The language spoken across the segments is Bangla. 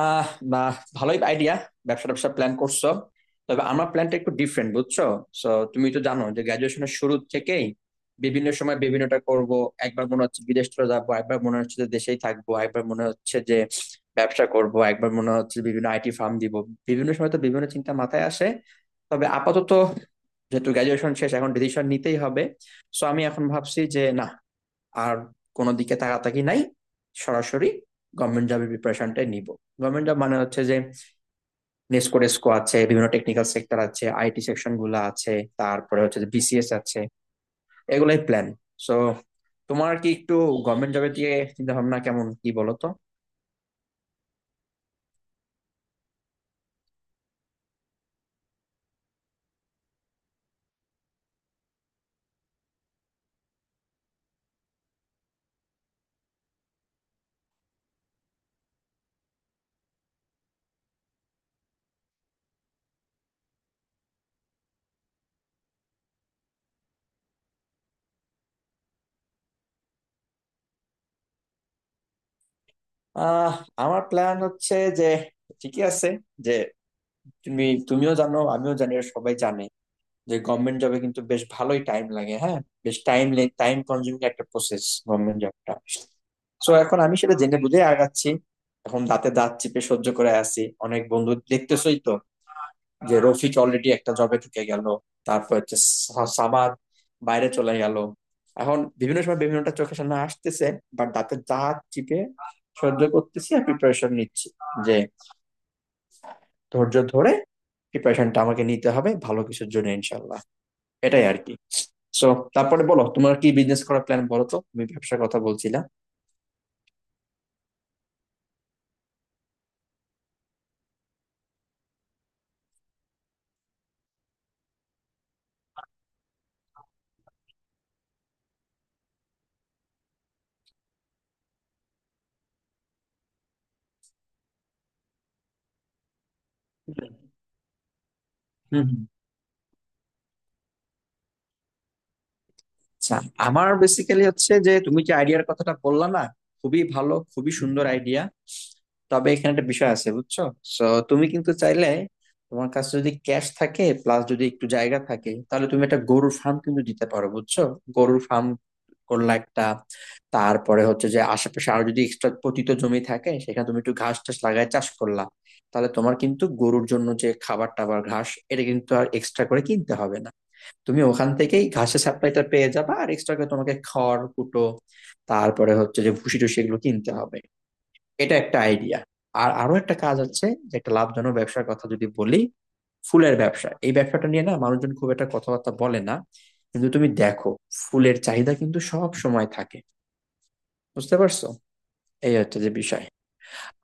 আহ বা, ভালোই আইডিয়া। ব্যবসা ট্যাবসা প্ল্যান করছো? তবে আমার প্ল্যানটা একটু ডিফারেন্ট, বুঝছো? সো, তুমি তো জানো যে গ্রাজুয়েশনের শুরু থেকেই বিভিন্ন সময় বিভিন্নটা করব। একবার মনে হচ্ছে বিদেশ চলে যাবো, একবার মনে হচ্ছে যে দেশেই থাকবো, একবার মনে হচ্ছে যে ব্যবসা করব, একবার মনে হচ্ছে বিভিন্ন আইটি ফার্ম দিব। বিভিন্ন সময় তো বিভিন্ন চিন্তা মাথায় আসে। তবে আপাতত, যেহেতু গ্রাজুয়েশন শেষ, এখন ডিসিশন নিতেই হবে। সো আমি এখন ভাবছি যে না, আর কোনো দিকে তাকাতাকি নাই, সরাসরি গভর্নমেন্ট জবের প্রিপারেশনটাই নিব। গভর্নমেন্ট জব মানে হচ্ছে যে নেসকো টেসকো আছে, বিভিন্ন টেকনিক্যাল সেক্টর আছে, আইটি সেকশন গুলো আছে, তারপরে হচ্ছে যে বিসিএস আছে। এগুলাই প্ল্যান। সো তোমার কি একটু গভর্নমেন্ট জবের দিকে চিন্তা ভাবনা কেমন, কি বলো তো? আহ আমার প্ল্যান হচ্ছে যে ঠিকই আছে যে, তুমিও জানো, আমিও জানি, আর সবাই জানে যে গভর্নমেন্ট জবে কিন্তু বেশ ভালোই টাইম লাগে। হ্যাঁ, বেশ টাইম, টাইম কনজিউমিং একটা প্রসেস গভর্নমেন্ট জবটা। সো এখন আমি সেটা জেনে বুঝে আগাচ্ছি। এখন দাঁতে দাঁত চিপে সহ্য করে আছি। অনেক বন্ধু দেখতেছই তো, যে রফিক অলরেডি একটা জবে ঢুকে গেল, তারপর হচ্ছে সামাদ বাইরে চলে গেল। এখন বিভিন্ন সময় বিভিন্নটা চোখের সামনে আসতেছে, বাট দাঁতে দাঁত চিপে সহ্য করতেছি আর প্রিপারেশন নিচ্ছি যে ধৈর্য ধরে প্রিপারেশনটা আমাকে নিতে হবে ভালো কিছুর জন্য, ইনশাল্লাহ। এটাই আর কি। সো তারপরে বলো, তোমার কি বিজনেস করার প্ল্যান? বলো তো, তুমি ব্যবসার কথা বলছিলা। হম আচ্ছা, আমার বেসিক্যালি হচ্ছে যে তুমি যে আইডিয়ার কথাটা বললা না, খুবই ভালো, খুবই সুন্দর আইডিয়া। তবে এখানে একটা বিষয় আছে, বুঝছো? সো তুমি কিন্তু চাইলে, তোমার কাছে যদি ক্যাশ থাকে প্লাস যদি একটু জায়গা থাকে, তাহলে তুমি একটা গরুর ফার্ম কিন্তু দিতে পারো, বুঝছো? গরুর ফার্ম করলা একটা, তারপরে হচ্ছে যে আশেপাশে আরো যদি এক্সট্রা পতিত জমি থাকে, সেখানে তুমি একটু ঘাস টাস লাগায় চাষ করলা, তাহলে তোমার কিন্তু গরুর জন্য যে খাবার টাবার, ঘাস, এটা কিন্তু আর এক্সট্রা করে কিনতে হবে না। তুমি ওখান থেকেই ঘাসের সাপ্লাইটা পেয়ে যাবে, আর এক্সট্রা করে তোমাকে খড় কুটো, তারপরে হচ্ছে যে ভুসি টুসি এগুলো কিনতে হবে। এটা একটা আইডিয়া। আর আরো একটা কাজ আছে, যে একটা লাভজনক ব্যবসার কথা যদি বলি, ফুলের ব্যবসা। এই ব্যবসাটা নিয়ে না মানুষজন খুব একটা কথাবার্তা বলে না, কিন্তু তুমি দেখো, ফুলের চাহিদা কিন্তু সব সময় থাকে। বুঝতে পারছো? এই হচ্ছে যে বিষয়।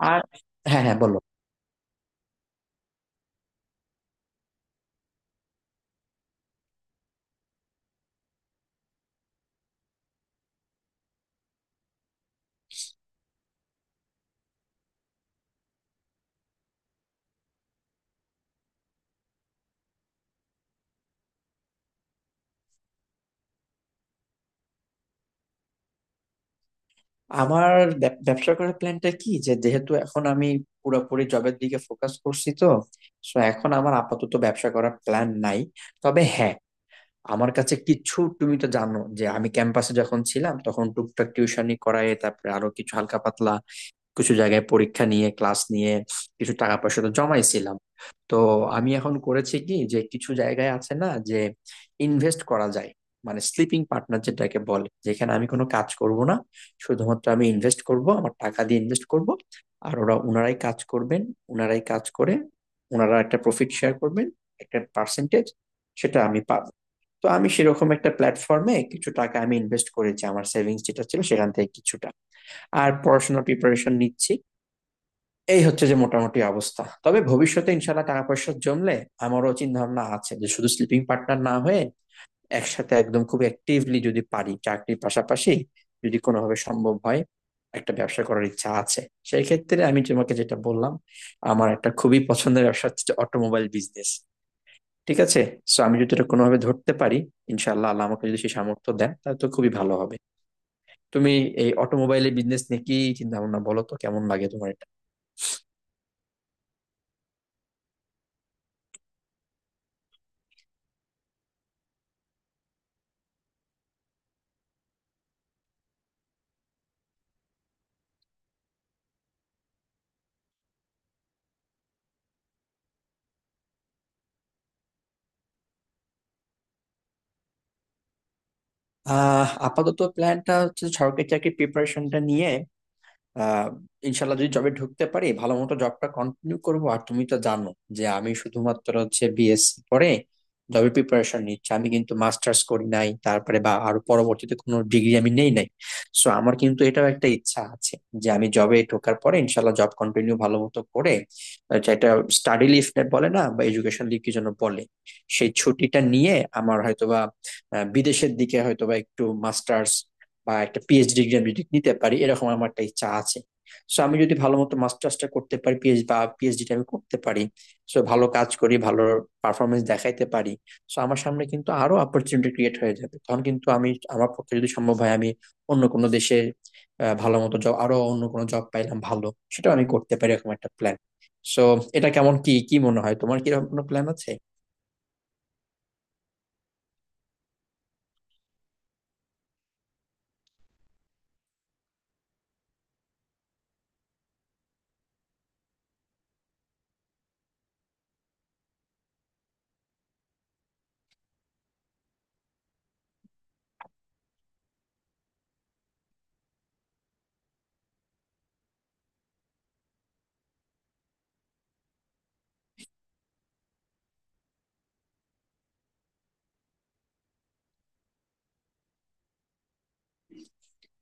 আর হ্যাঁ, হ্যাঁ বলো। আমার ব্যবসা করার প্ল্যানটা কি, যে যেহেতু এখন আমি পুরোপুরি জবের দিকে ফোকাস করছি, তো সো এখন আমার আপাতত ব্যবসা করার প্ল্যান নাই। তবে হ্যাঁ, আমার কাছে কিছু, তুমি তো জানো যে আমি ক্যাম্পাসে যখন ছিলাম তখন টুকটাক টিউশনি করায়, তারপরে আরো কিছু হালকা পাতলা কিছু জায়গায় পরীক্ষা নিয়ে, ক্লাস নিয়ে কিছু টাকা পয়সা তো জমাইছিলাম। তো আমি এখন করেছি কি যে কিছু জায়গায় আছে না যে ইনভেস্ট করা যায়, মানে স্লিপিং পার্টনার যেটাকে বলে, যেখানে আমি কোনো কাজ করব না, শুধুমাত্র আমি ইনভেস্ট করব, আমার টাকা দিয়ে ইনভেস্ট করব, আর ওরা, ওনারাই কাজ করবেন, ওনারাই কাজ করে ওনারা একটা প্রফিট শেয়ার করবেন, একটা পার্সেন্টেজ সেটা আমি পাবো। তো আমি সেরকম একটা প্ল্যাটফর্মে কিছু টাকা আমি ইনভেস্ট করেছি, আমার সেভিংস যেটা ছিল সেখান থেকে কিছুটা, আর পড়াশোনার প্রিপারেশন নিচ্ছি। এই হচ্ছে যে মোটামুটি অবস্থা। তবে ভবিষ্যতে ইনশাল্লাহ টাকা পয়সা জমলে, আমারও চিন্তা ভাবনা আছে যে শুধু স্লিপিং পার্টনার না হয়ে, একসাথে একদম খুব অ্যাক্টিভলি যদি পারি চাকরির পাশাপাশি, যদি কোনোভাবে সম্ভব হয়, একটা ব্যবসা করার ইচ্ছা আছে। সেই ক্ষেত্রে আমি তোমাকে যেটা বললাম, আমার একটা খুবই পছন্দের ব্যবসা হচ্ছে অটোমোবাইল বিজনেস, ঠিক আছে? সো আমি যদি এটা কোনোভাবে ধরতে পারি, ইনশাল্লাহ, আল্লাহ আমাকে যদি সেই সামর্থ্য দেন, তাহলে তো খুবই ভালো হবে। তুমি এই অটোমোবাইলের বিজনেস নিয়ে কি চিন্তা ভাবনা বলো তো, কেমন লাগে তোমার এটা? আপাতত প্ল্যানটা হচ্ছে সরকারি চাকরির প্রিপারেশনটা নিয়ে। আহ ইনশাল্লাহ যদি জবে ঢুকতে পারি, ভালো মতো জবটা কন্টিনিউ করবো। আর তুমি তো জানো যে আমি শুধুমাত্র হচ্ছে বিএসসি পরে জবে প্রিপারেশন নিচ্ছি, আমি কিন্তু মাস্টার্স করি নাই, তারপরে বা আরো পরবর্তীতে কোনো ডিগ্রি আমি নেই নাই। সো আমার কিন্তু এটাও একটা ইচ্ছা আছে যে আমি জবে ঢোকার পরে ইনশাল্লাহ জব কন্টিনিউ ভালো মতো করে, যেটা স্টাডি লিভ বলে না, বা এডুকেশন লিভ কি যেন বলে, সেই ছুটিটা নিয়ে আমার হয়তোবা, বিদেশের দিকে হয়তোবা একটু মাস্টার্স বা একটা পিএইচডি ডিগ্রি আমি যদি নিতে পারি, এরকম আমার একটা ইচ্ছা আছে। সো আমি যদি ভালো মতো মাস্টার্সটা করতে পারি, বা পিএইচডিটা আমি করতে পারি, সো ভালো কাজ করি, ভালো পারফরমেন্স দেখাইতে পারি, সো আমার সামনে কিন্তু আরো অপরচুনিটি ক্রিয়েট হয়ে যাবে। তখন কিন্তু আমি, আমার পক্ষে যদি সম্ভব হয়, আমি অন্য কোনো দেশে, ভালো মতো জব, আরো অন্য কোনো জব পাইলাম ভালো, সেটাও আমি করতে পারি, এরকম একটা প্ল্যান। সো এটা কেমন, কি কি মনে হয় তোমার? কি এরকম কোনো প্ল্যান আছে?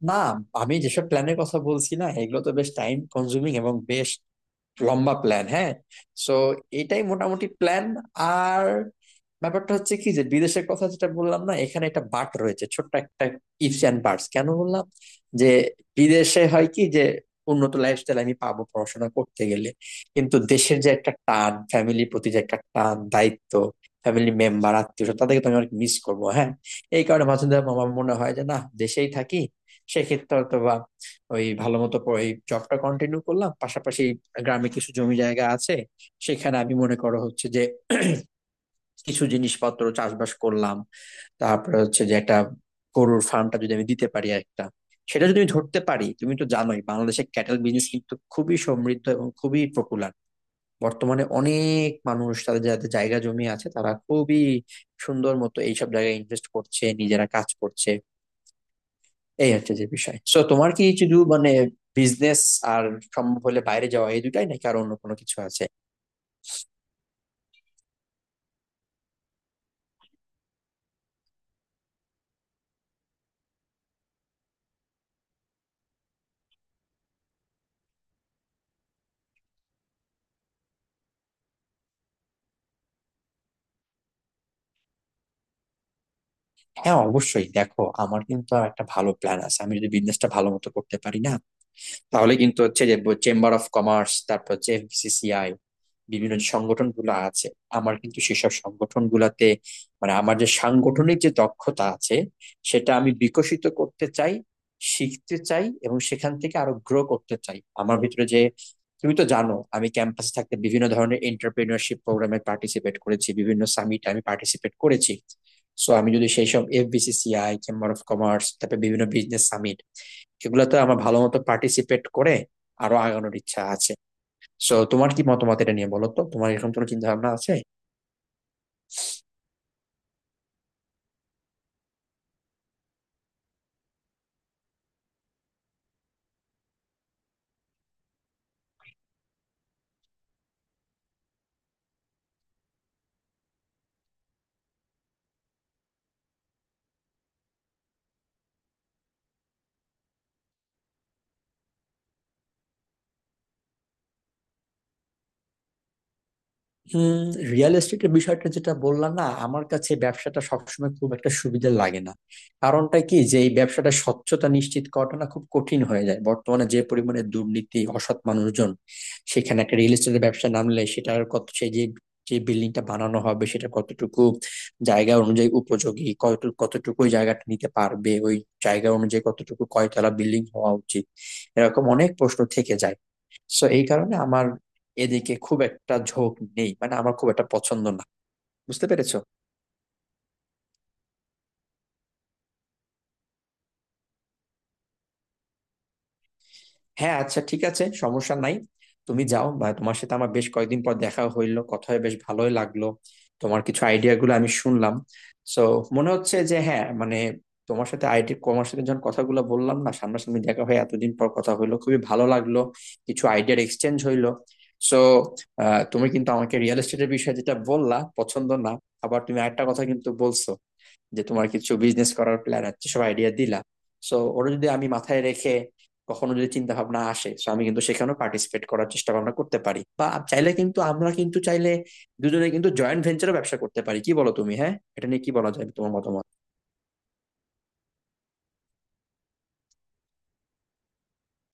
না, আমি যেসব প্ল্যানের কথা বলছি না, এগুলো তো বেশ টাইম কনজিউমিং এবং বেশ লম্বা প্ল্যান। হ্যাঁ, সো এটাই মোটামুটি প্ল্যান। আর ব্যাপারটা হচ্ছে কি, যে বিদেশের কথা যেটা বললাম না, এখানে একটা বাট রয়েছে, ছোট্ট একটা ইফস অ্যান্ড বাটস কেন বললাম, যে বিদেশে হয় কি যে উন্নত লাইফস্টাইল আমি পাবো পড়াশোনা করতে গেলে, কিন্তু দেশের যে একটা টান, ফ্যামিলির প্রতি যে একটা টান, দায়িত্ব, ফ্যামিলি মেম্বার আত্মীয় স্বজন তাদেরকে তো আমি অনেক মিস করবো। হ্যাঁ, এই কারণে মাঝে মাঝে আমার মনে হয় যে না, দেশেই থাকি। সেক্ষেত্রে হয়তো ওই ভালো মতো এই জবটা কন্টিনিউ করলাম, পাশাপাশি গ্রামে কিছু জমি জায়গা আছে, সেখানে আমি মনে করো হচ্ছে যে কিছু জিনিসপত্র চাষবাস করলাম, তারপরে হচ্ছে যে একটা গরুর ফার্মটা যদি আমি দিতে পারি একটা, সেটা যদি আমি ধরতে পারি। তুমি তো জানোই বাংলাদেশের ক্যাটেল বিজনেস কিন্তু খুবই সমৃদ্ধ এবং খুবই পপুলার। বর্তমানে অনেক মানুষ, তাদের যাদের জায়গা জমি আছে, তারা খুবই সুন্দর মতো এইসব জায়গায় ইনভেস্ট করছে, নিজেরা কাজ করছে। এই হচ্ছে যে বিষয়। সো তোমার কি শুধু মানে বিজনেস আর সম্ভব হলে বাইরে যাওয়া, এই দুটাই নাকি আর অন্য কোনো কিছু আছে? হ্যাঁ, অবশ্যই। দেখো, আমার কিন্তু আর একটা ভালো প্ল্যান আছে। আমি যদি বিজনেসটা ভালো মতো করতে পারি না, তাহলে কিন্তু হচ্ছে যে চেম্বার অফ কমার্স, তারপর হচ্ছে এফবিসিসিআই, বিভিন্ন যে সংগঠন গুলো আছে, আমার কিন্তু সেসব সংগঠন গুলাতে, মানে আমার যে সাংগঠনিক যে দক্ষতা আছে সেটা আমি বিকশিত করতে চাই, শিখতে চাই, এবং সেখান থেকে আরো গ্রো করতে চাই। আমার ভিতরে যে, তুমি তো জানো, আমি ক্যাম্পাসে থাকতে বিভিন্ন ধরনের এন্টারপ্রেনিয়রশিপ প্রোগ্রামে পার্টিসিপেট করেছি, বিভিন্ন সামিটে আমি পার্টিসিপেট করেছি। সো আমি যদি সেই সব এফবিসিসিআই, চেম্বার অফ কমার্স, তারপরে বিভিন্ন বিজনেস সামিট, এগুলাতে আমার ভালো মতো পার্টিসিপেট করে আরো আগানোর ইচ্ছা আছে। সো তোমার কি মতামত এটা নিয়ে, বলো তো? তোমার এরকম কোনো চিন্তা ভাবনা আছে? উম রিয়েল এস্টেটের বিষয়টা যেটা বললাম না, আমার কাছে ব্যবসাটা সবসময় খুব একটা সুবিধা লাগে না। কারণটা কি, যে এই ব্যবসাটা স্বচ্ছতা নিশ্চিত করাটা না খুব কঠিন হয়ে যায়, বর্তমানে যে পরিমাণে দুর্নীতি অসৎ মানুষজন। সেখানে একটা রিয়েল এস্টেটের ব্যবসা নামলে সেটার কত সে যে, যে বিল্ডিংটা বানানো হবে সেটা কতটুকু জায়গা অনুযায়ী উপযোগী, কত কতটুকু ওই জায়গাটা নিতে পারবে, ওই জায়গা অনুযায়ী কতটুকু কয়তলা বিল্ডিং হওয়া উচিত, এরকম অনেক প্রশ্ন থেকে যায়। সো এই কারণে আমার এদিকে খুব একটা ঝোঁক নেই, মানে আমার খুব একটা পছন্দ না। বুঝতে পেরেছো? হ্যাঁ, আচ্ছা, ঠিক আছে, সমস্যা নাই। তুমি যাও, বা তোমার সাথে আমার বেশ কয়েকদিন পর দেখা হইলো, কথা হয়ে বেশ ভালোই লাগলো। তোমার কিছু আইডিয়া গুলো আমি শুনলাম। সো মনে হচ্ছে যে হ্যাঁ, মানে তোমার সাথে আইটি, তোমার সাথে যখন কথাগুলো বললাম না, সামনাসামনি দেখা হয়ে এতদিন পর কথা হইলো, খুবই ভালো লাগলো। কিছু আইডিয়ার এক্সচেঞ্জ হইলো। সো তুমি কিন্তু আমাকে রিয়েল এস্টেটের বিষয়ে যেটা বললা পছন্দ না, আবার তুমি আরেকটা কথা কিন্তু বলছো, যে তোমার কিছু বিজনেস করার প্ল্যান আছে, সব আইডিয়া দিলা। সো ওরা যদি আমি মাথায় রেখে কখনো যদি চিন্তা ভাবনা আসে, তো আমি কিন্তু সেখানেও পার্টিসিপেট করার চেষ্টা ভাবনা করতে পারি, বা চাইলে, কিন্তু আমরা কিন্তু চাইলে দুজনে কিন্তু জয়েন্ট ভেঞ্চারও ব্যবসা করতে পারি। কি বলো তুমি? হ্যাঁ, এটা নিয়ে কি বলা যায়, তোমার মতামত?